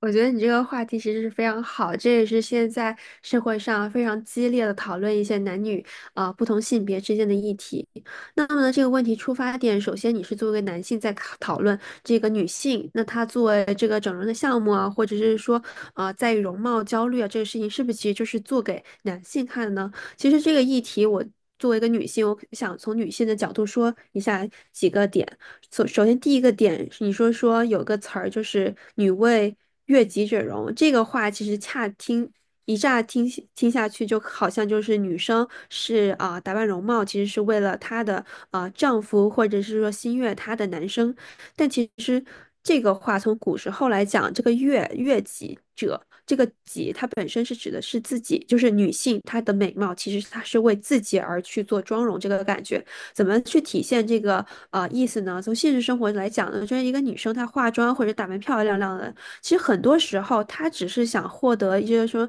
我觉得你这个话题其实是非常好，这也是现在社会上非常激烈的讨论一些男女不同性别之间的议题。那么呢，这个问题出发点，首先你是作为一个男性在考讨论这个女性，那她作为这个整容的项目啊，或者是说啊在于容貌焦虑啊这个事情，是不是其实就是做给男性看的呢？其实这个议题，我作为一个女性，我想从女性的角度说一下几个点。首先，第一个点你说有个词儿就是“女为悦己者容”，这个话其实恰听一乍听听下去，就好像就是女生是打扮容貌，其实是为了她的丈夫或者是说心悦她的男生。但其实这个话从古时候来讲，这个悦己者，这个己它本身是指的是自己，就是女性她的美貌，其实她是为自己而去做妆容这个感觉。怎么去体现这个意思呢？从现实生活来讲呢，就是一个女生她化妆或者打扮漂漂亮亮的，其实很多时候她只是想获得，一些说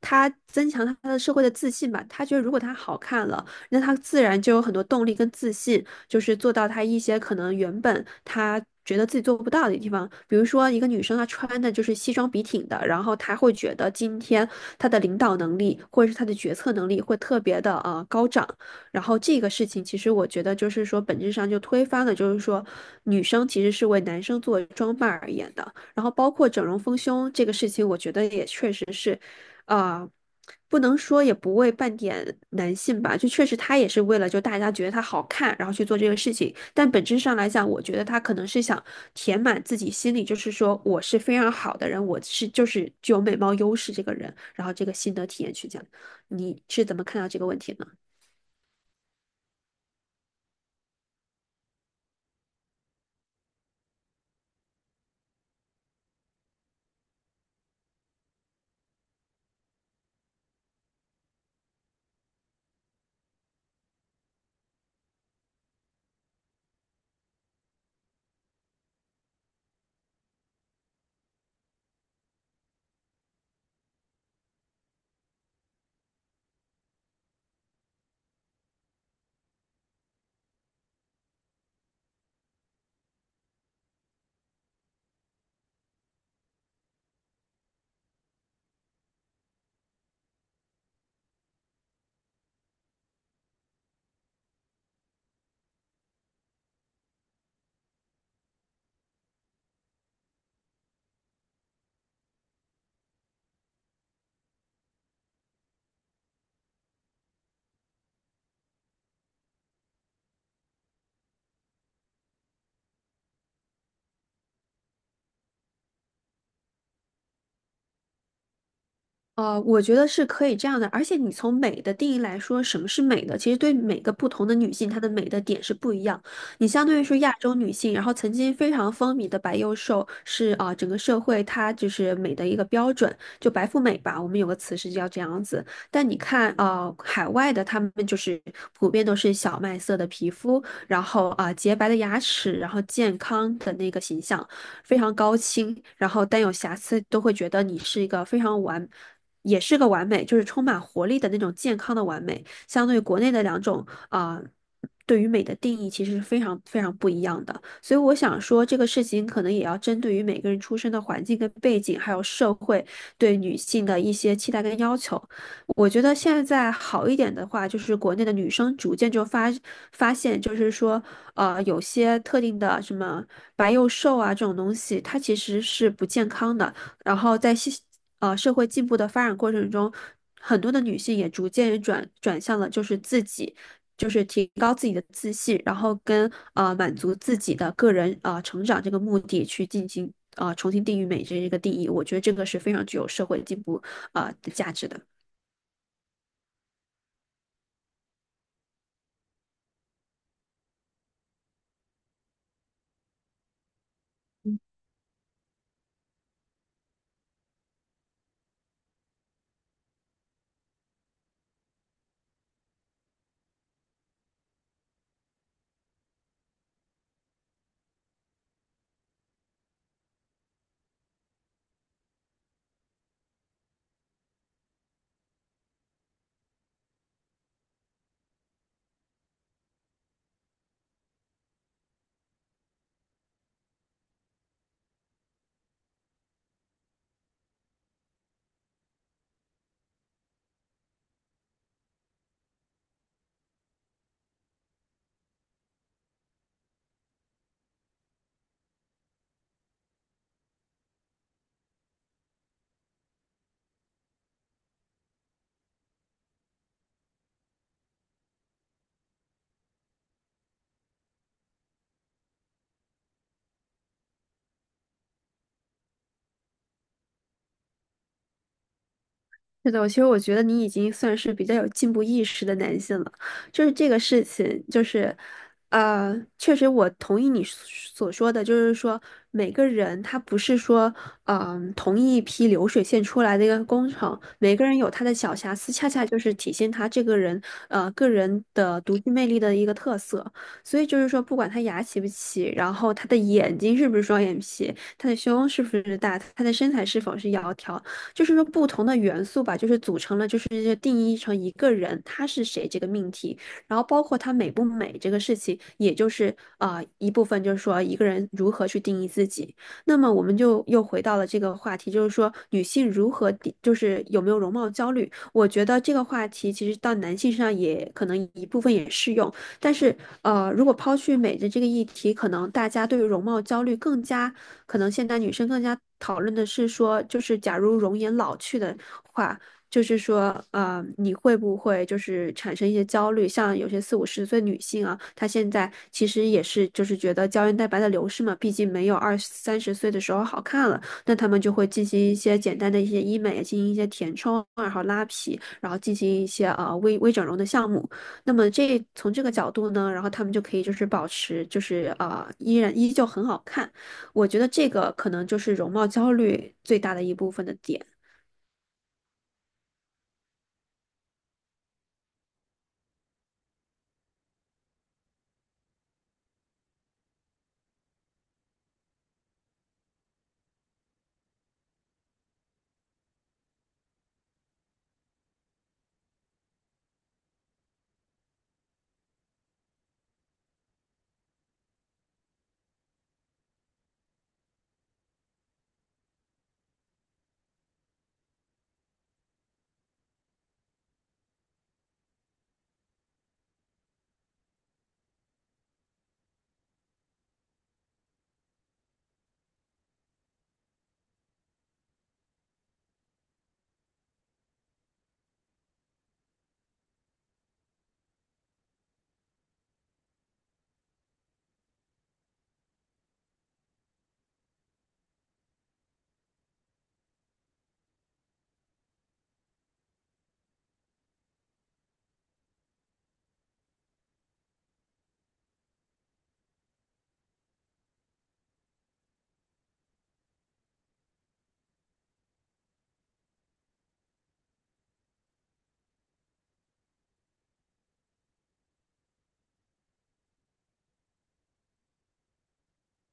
她增强她的社会的自信吧，她觉得如果她好看了，那她自然就有很多动力跟自信，就是做到她一些可能原本她觉得自己做不到的地方，比如说一个女生她穿的就是西装笔挺的，然后她会觉得今天她的领导能力或者是她的决策能力会特别的高涨，然后这个事情其实我觉得就是说本质上就推翻了，就是说女生其实是为男生做装扮而言的，然后包括整容丰胸这个事情，我觉得也确实是啊，不能说也不为半点男性吧，就确实他也是为了就大家觉得他好看，然后去做这个事情。但本质上来讲，我觉得他可能是想填满自己心里，就是说我是非常好的人，我是就是具有美貌优势这个人，然后这个心得体验去讲。你是怎么看到这个问题呢？我觉得是可以这样的，而且你从美的定义来说，什么是美的？其实对每个不同的女性，她的美的点是不一样。你相对于说亚洲女性，然后曾经非常风靡的白幼瘦是整个社会它就是美的一个标准，就白富美吧，我们有个词是叫这样子。但你看海外的她们就是普遍都是小麦色的皮肤，然后洁白的牙齿，然后健康的那个形象，非常高清，然后但有瑕疵都会觉得你是一个非常完。也是个完美，就是充满活力的那种健康的完美，相对于国内的两种对于美的定义其实是非常非常不一样的。所以我想说，这个事情可能也要针对于每个人出生的环境跟背景，还有社会对女性的一些期待跟要求。我觉得现在好一点的话，就是国内的女生逐渐就发现，就是说，有些特定的什么白幼瘦啊这种东西，它其实是不健康的。然后在社会进步的发展过程中，很多的女性也逐渐转向了就是自己，就是提高自己的自信，然后跟满足自己的个人啊成长这个目的去进行重新定义美这一个定义。我觉得这个是非常具有社会进步的价值的。是的，其实我觉得你已经算是比较有进步意识的男性了。就是这个事情，就是，确实我同意你所说的，就是说每个人他不是说，同一批流水线出来的一个工程，每个人有他的小瑕疵，恰恰就是体现他这个人，个人的独具魅力的一个特色。所以就是说，不管他牙齐不齐，然后他的眼睛是不是双眼皮，他的胸是不是大，他的身材是否是窈窕。就是说不同的元素吧，就是组成了，就是定义成一个人他是谁这个命题，然后包括他美不美这个事情，也就是一部分就是说一个人如何去定义自己。那么我们就又回到了这个话题，就是说女性如何定，就是有没有容貌焦虑？我觉得这个话题其实到男性身上也可能一部分也适用，但是，如果抛去美的这个议题，可能大家对于容貌焦虑更加，可能现在女生更加讨论的是说，就是假如容颜老去的话，就是说，你会不会就是产生一些焦虑？像有些四五十岁女性啊，她现在其实也是就是觉得胶原蛋白的流失嘛，毕竟没有二三十岁的时候好看了，那她们就会进行一些简单的一些医美，进行一些填充，然后拉皮，然后进行一些微微整容的项目。那么这从这个角度呢，然后他们就可以就是保持就是依然依旧很好看。我觉得这个可能就是容貌焦虑最大的一部分的点。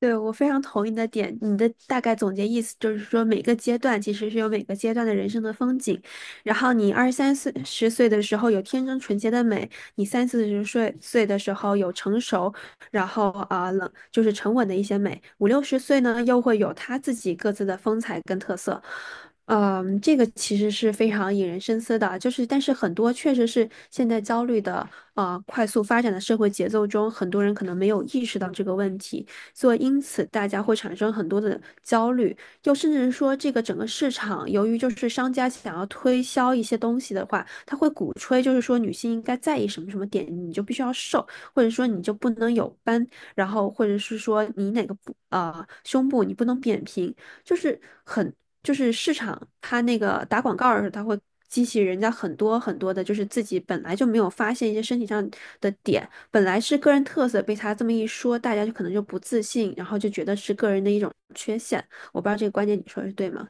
对，我非常同意你的点，你的大概总结意思就是说，每个阶段其实是有每个阶段的人生的风景。然后你二三岁十岁的时候有天真纯洁的美，你三四十岁的时候有成熟，然后就是沉稳的一些美。五六十岁呢，又会有他自己各自的风采跟特色。嗯，这个其实是非常引人深思的，就是但是很多确实是现在焦虑的啊快速发展的社会节奏中，很多人可能没有意识到这个问题。所以因此大家会产生很多的焦虑，又甚至是说这个整个市场，由于就是商家想要推销一些东西的话，他会鼓吹就是说女性应该在意什么什么点，你就必须要瘦，或者说你就不能有斑，然后或者是说你哪个胸部你不能扁平，就是很就是市场它那个打广告的时候，它会激起人家很多很多的，就是自己本来就没有发现一些身体上的点，本来是个人特色，被他这么一说，大家就可能就不自信，然后就觉得是个人的一种缺陷。我不知道这个观点你说的是对吗？